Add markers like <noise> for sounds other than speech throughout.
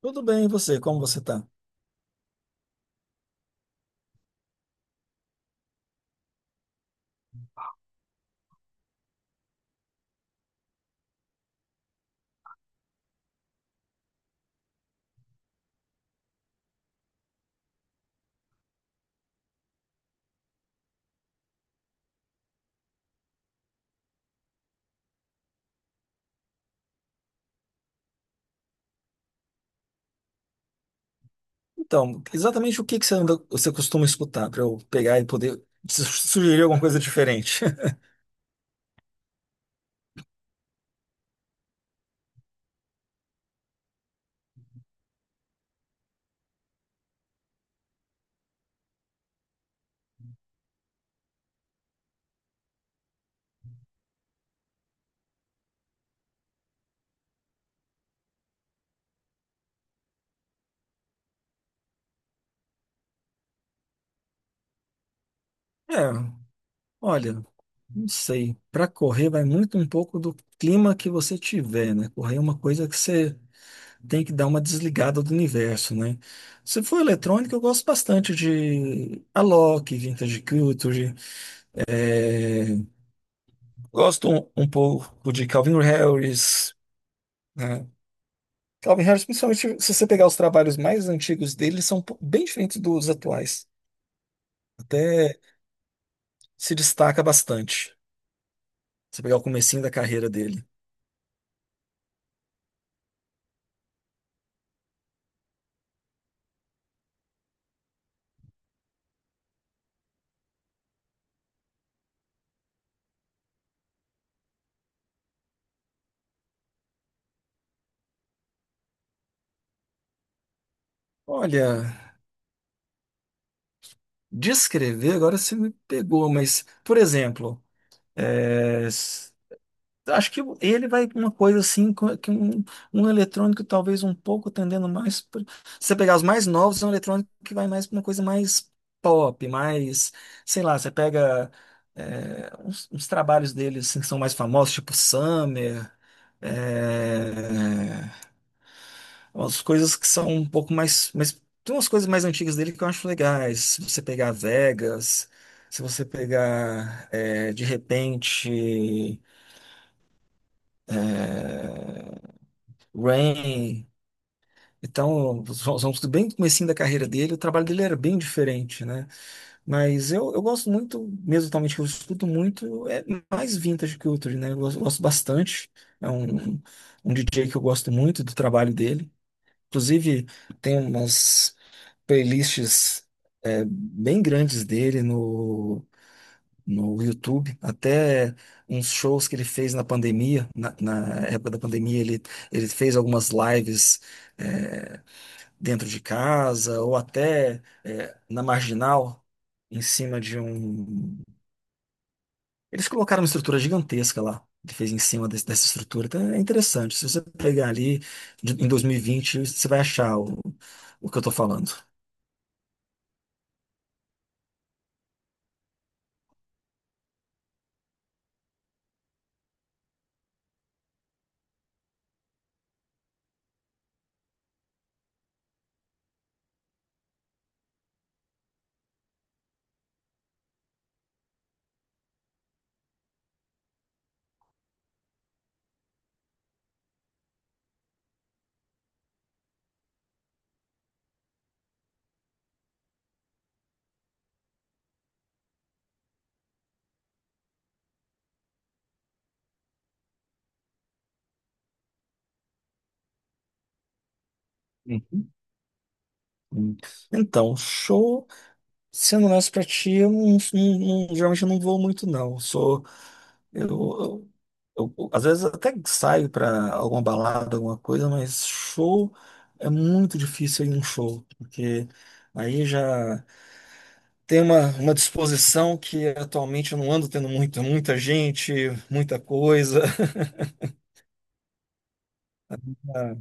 Tudo bem, e você? Como você tá? Então, exatamente o que que você anda, você costuma escutar para eu pegar e poder sugerir alguma coisa diferente? <laughs> É, olha, não sei. Para correr vai muito um pouco do clima que você tiver, né? Correr é uma coisa que você tem que dar uma desligada do universo, né? Se for eletrônica, eu gosto bastante de Alok, Vintage Culture. é, Gosto um pouco de Calvin Harris, né? Calvin Harris, principalmente se você pegar os trabalhos mais antigos dele, são bem diferentes dos atuais. Até se destaca bastante. Se pegar o comecinho da carreira dele. Olha, descrever, agora você me pegou, mas, por exemplo, é, s- acho que ele vai uma coisa assim, co- que um eletrônico talvez um pouco tendendo mais. Se você pegar os mais novos, é um eletrônico que vai mais para uma coisa mais pop, mais, sei lá, você pega uns, uns trabalhos deles assim, que são mais famosos, tipo Summer. é, Umas coisas que são um pouco mais, mas tem umas coisas mais antigas dele que eu acho legais. Se você pegar Vegas, se você pegar de repente Rain, então vamos bem no comecinho da carreira dele. O trabalho dele era bem diferente, né? Mas eu gosto muito, mesmo atualmente que eu escuto muito, é mais Vintage Culture, né? Eu gosto, gosto bastante. É um, um DJ que eu gosto muito do trabalho dele. Inclusive, tem umas playlists bem grandes dele no, no YouTube, até uns shows que ele fez na pandemia, na, na época da pandemia ele fez algumas lives dentro de casa ou até na Marginal, em cima de um... Eles colocaram uma estrutura gigantesca lá. Ele fez em cima dessa estrutura. Então é interessante. Se você pegar ali em 2020, você vai achar o que eu estou falando. Uhum. Hum. Então, show. Sendo honesto pra ti, eu não, geralmente eu não vou muito, não. Eu Sou, eu, eu- Às vezes até saio pra alguma balada, alguma coisa, mas show é muito difícil ir num show, porque aí já tem uma disposição que atualmente eu não ando tendo muito, muita gente, muita coisa. Ah,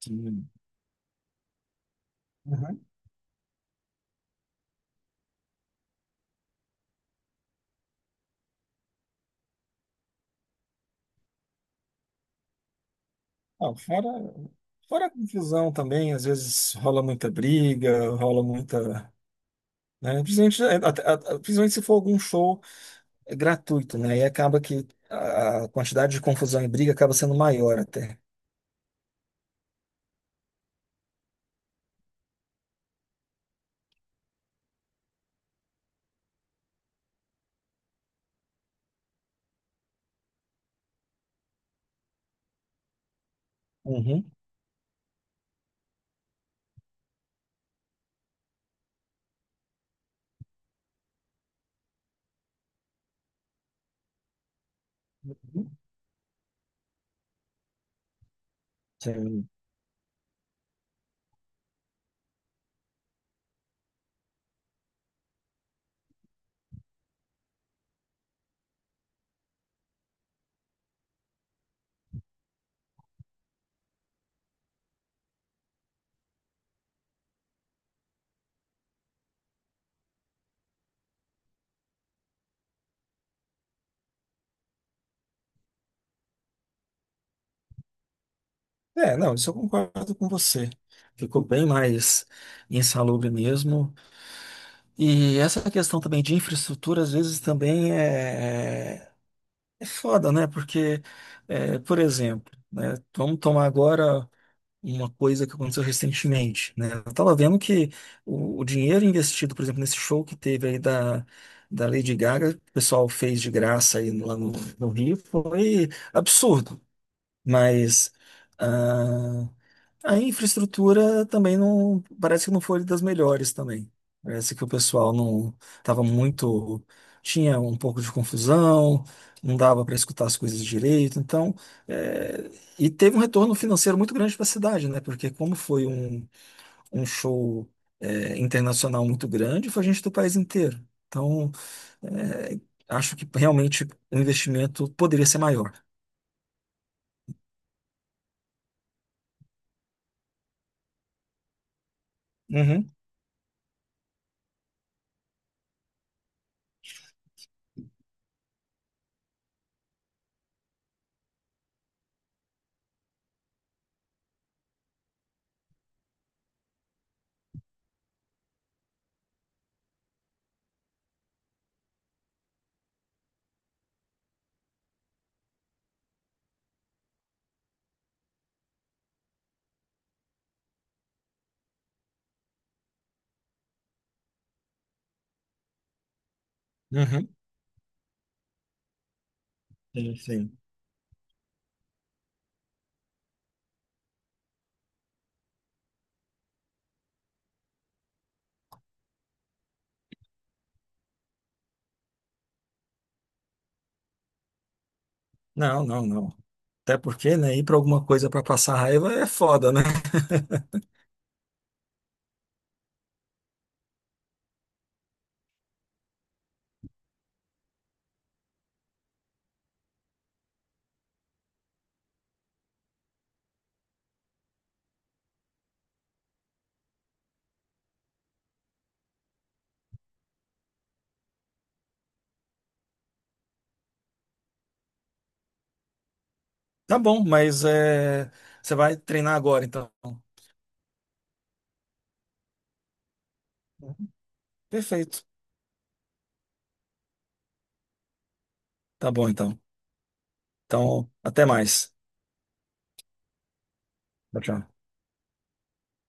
sim. Uhum. Ah, fora, fora a confusão também, às vezes rola muita briga, rola muita, né? Principalmente, principalmente se for algum show gratuito, né? Aí acaba que a quantidade de confusão e briga acaba sendo maior até. Uhum. Uhum. Sim. É, não, isso eu concordo com você. Ficou bem mais insalubre mesmo. E essa questão também de infraestrutura, às vezes também é foda, né? Porque, é, por exemplo, né? Vamos tomar agora uma coisa que aconteceu recentemente, né? Eu tava vendo que o dinheiro investido, por exemplo, nesse show que teve aí da, da Lady Gaga, que o pessoal fez de graça aí lá no, no Rio, foi absurdo. Mas ah, a infraestrutura também não, parece que não foi das melhores também. Parece que o pessoal não estava muito, tinha um pouco de confusão, não dava para escutar as coisas direito. Então, é, e teve um retorno financeiro muito grande para a cidade, né? Porque como foi um, um show, é, internacional muito grande, foi gente do país inteiro. Então, é, acho que realmente o investimento poderia ser maior. Uhum, uhum. Sim, sim. Não, não, não. Até porque, né, ir para alguma coisa para passar raiva é foda, né? <laughs> Tá bom, mas é, você vai treinar agora, então. Perfeito. Tá bom, então. Então, até mais. Tchau, tchau.